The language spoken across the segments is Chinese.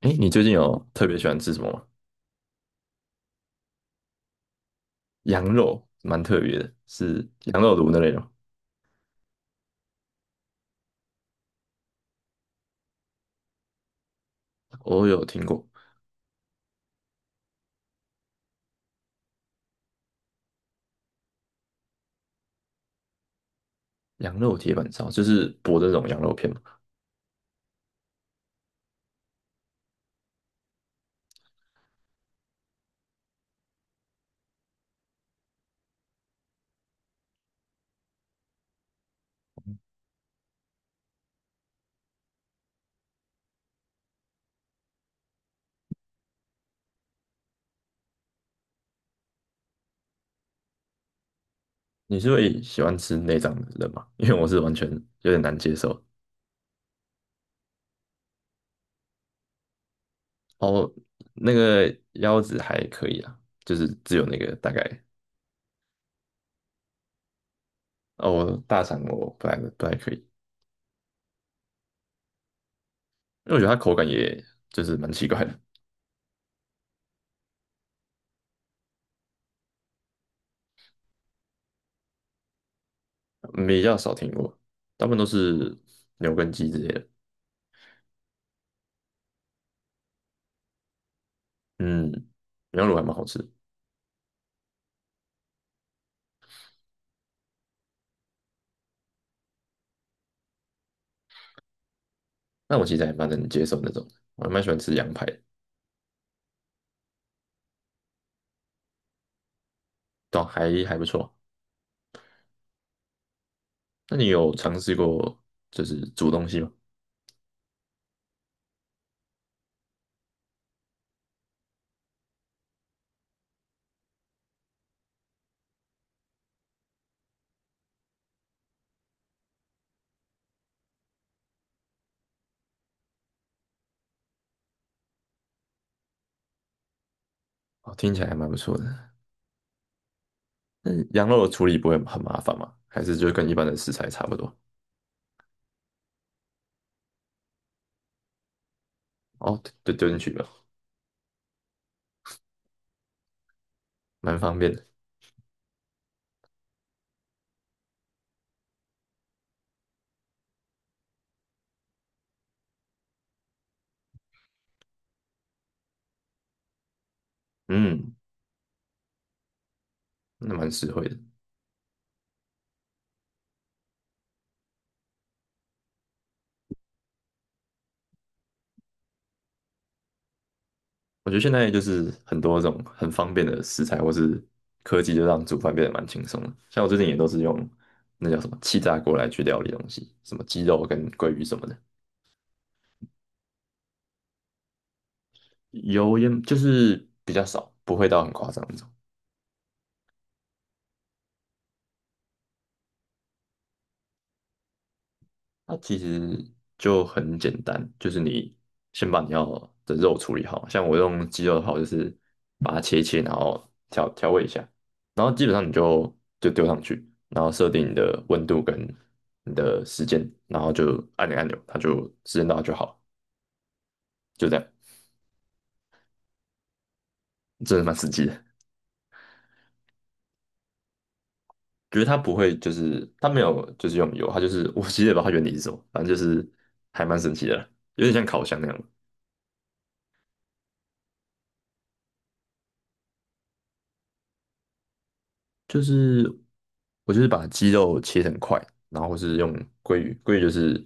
哎，你最近有特别喜欢吃什么吗？羊肉蛮特别的，是羊肉炉那类的吗？我有听过。羊肉铁板烧，就是薄的那种羊肉片嘛。你是会喜欢吃内脏的人吗？因为我是完全有点难接受。哦，那个腰子还可以啊，就是只有那个大概。哦，大肠我不太可以，因为我觉得它口感也就是蛮奇怪的。嗯，比较少听过，大部分都是牛跟鸡之类的。嗯，羊肉炉还蛮好吃。那我其实还蛮能接受那种的，我还蛮喜欢吃羊排的。对啊，还不错。那你有尝试过就是煮东西吗？哦，听起来还蛮不错的。那羊肉的处理不会很麻烦吗？还是就跟一般的食材差不多？哦，就丢进去吧，蛮方便的。嗯，那蛮实惠的。我觉得现在就是很多这种很方便的食材或是科技，就让煮饭变得蛮轻松的。像我最近也都是用那叫什么气炸锅来去料理东西，什么鸡肉跟鲑鱼什么的。油烟就是比较少，不会到很夸张那种。它其实就很简单，就是你先把你要的肉处理好，像我用鸡肉的话，我就是把它切一切，然后调味一下，然后基本上你就丢上去，然后设定你的温度跟你的时间，然后就按钮，它就时间到就好了，就这样，真的蛮实际的。觉得它不会，就是它没有就是用油，它就是我其实也不知道它原理是什么，反正就是还蛮神奇的啦，有点像烤箱那样。就是我就是把鸡肉切成块，然后是用鲑鱼，鲑鱼就是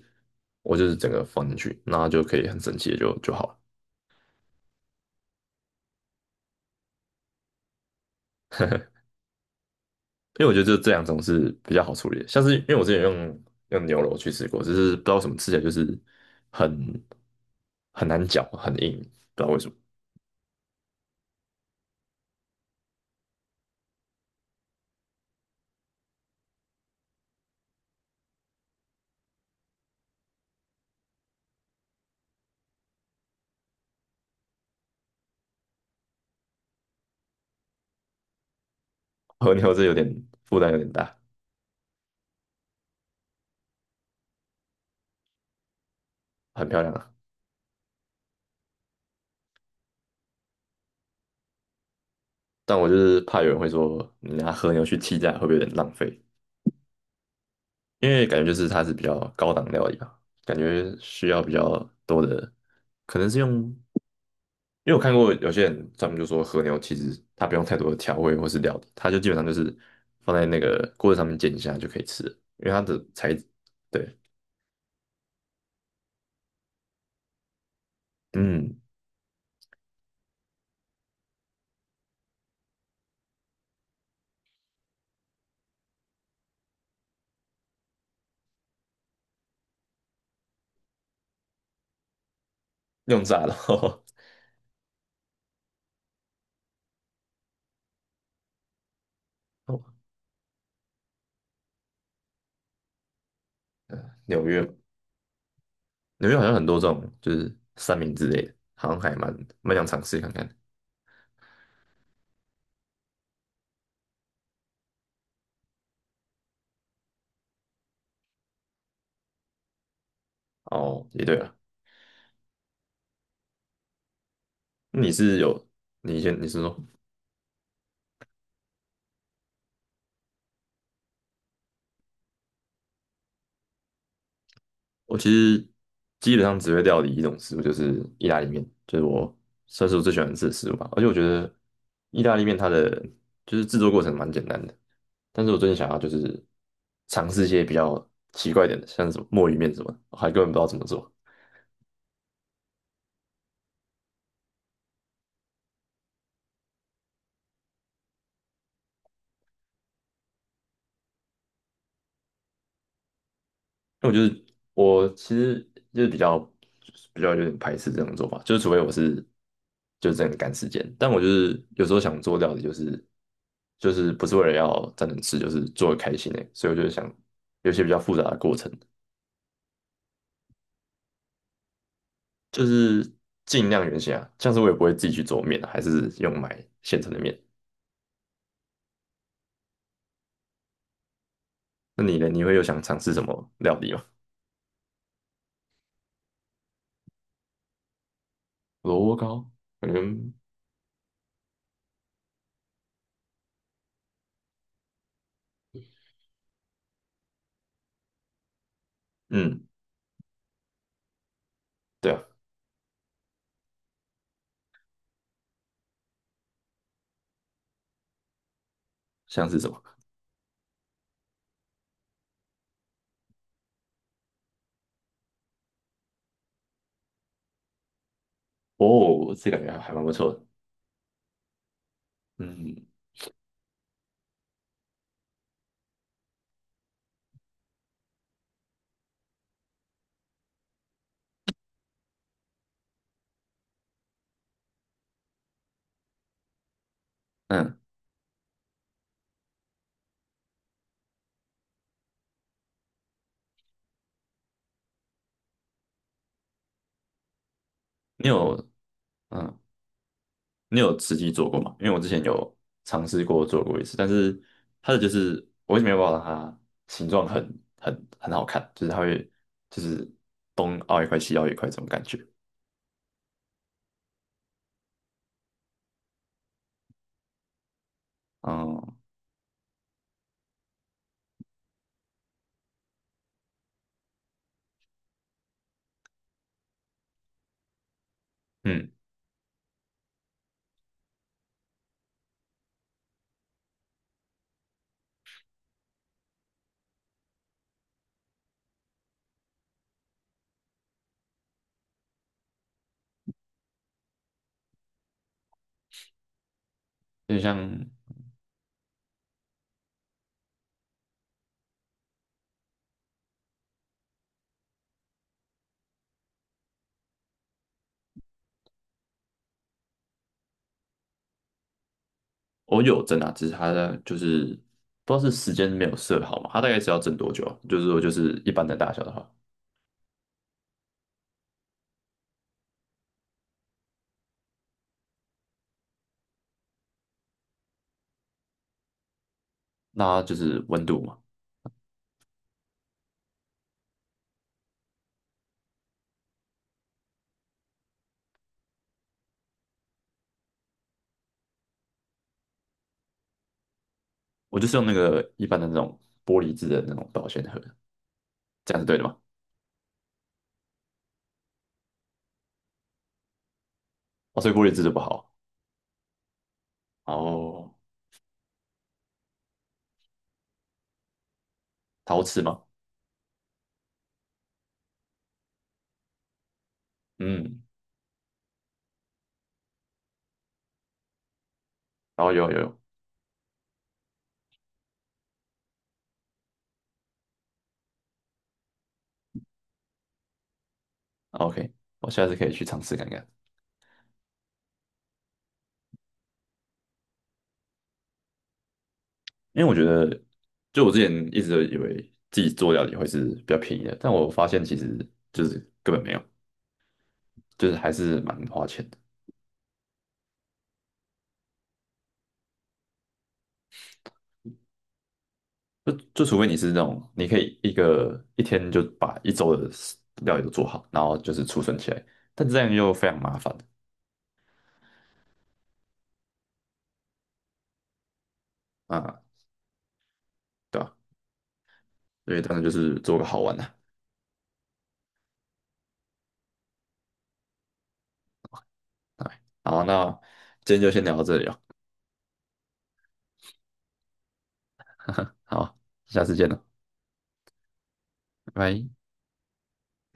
我就是整个放进去，那就可以很整齐的就好了。因为我觉得这两种是比较好处理的，像是因为我之前用牛肉去吃过，只是不知道为什么吃起来就是很很难嚼，很硬，不知道为什么。和牛这有点负担有点大。很漂亮啊。但我就是怕有人会说你拿和牛去替代会不会有点浪费，因为感觉就是它是比较高档料理吧，感觉需要比较多的，可能是用，因为我看过有些人他们就说和牛其实它不用太多的调味或是料理，它就基本上就是放在那个锅子上面煎一下就可以吃了，因为它的材质对。嗯，用炸的，哦。纽约，纽约好像很多这种就是三明治类的，好像还蛮蛮想尝试看看。哦，也对了。你是有，你说。我其实基本上只会料理一种食物，就是意大利面，就是我算是我最喜欢吃的食物吧。而且我觉得意大利面它的就是制作过程蛮简单的，但是我最近想要就是尝试一些比较奇怪一点的，像是什么墨鱼面什么的，我还根本不知道怎么做。那我就是我其实就是比较有点排斥这种做法，就是除非我是就是真的赶时间，但我就是有时候想做料理，就是就是不是为了要真的吃，就是做的开心的，所以我就是想有一些比较复杂的过程，就是尽量原形啊，像是我也不会自己去做面啊，还是用买现成的面。那你呢？你会有想尝试什么料理吗？萝卜糕，嗯。嗯，对啊。像是什么？哦，这感觉还蛮不错的。嗯。嗯，你有。嗯，你有实际做过吗？因为我之前有尝试过做过一次，但是它的就是我一直没有办法让它形状很好看，就是它会就是东凹一块西凹一块这种感觉。嗯。嗯，有点像。我有蒸啊，只是它的就是不知道是时间没有设好嘛，它大概是要蒸多久啊？就是说就是一般的大小的话，那就是温度嘛。我就是用那个一般的那种玻璃制的那种保鲜盒，这样是对的吗？哦，所以玻璃制的不好啊。哦，陶瓷吗？嗯，然后有，OK,我下次可以去尝试看看。因为我觉得，就我之前一直都以为自己做料理会是比较便宜的，但我发现其实就是根本没有，就是还是蛮花钱的。就除非你是那种你可以一个一天就把一周的料理都做好，然后就是储存起来，但这样又非常麻烦啊，对吧？所以当然就是做个好玩的。哎好，那今天就先聊到这里了，好，下次见了，拜拜。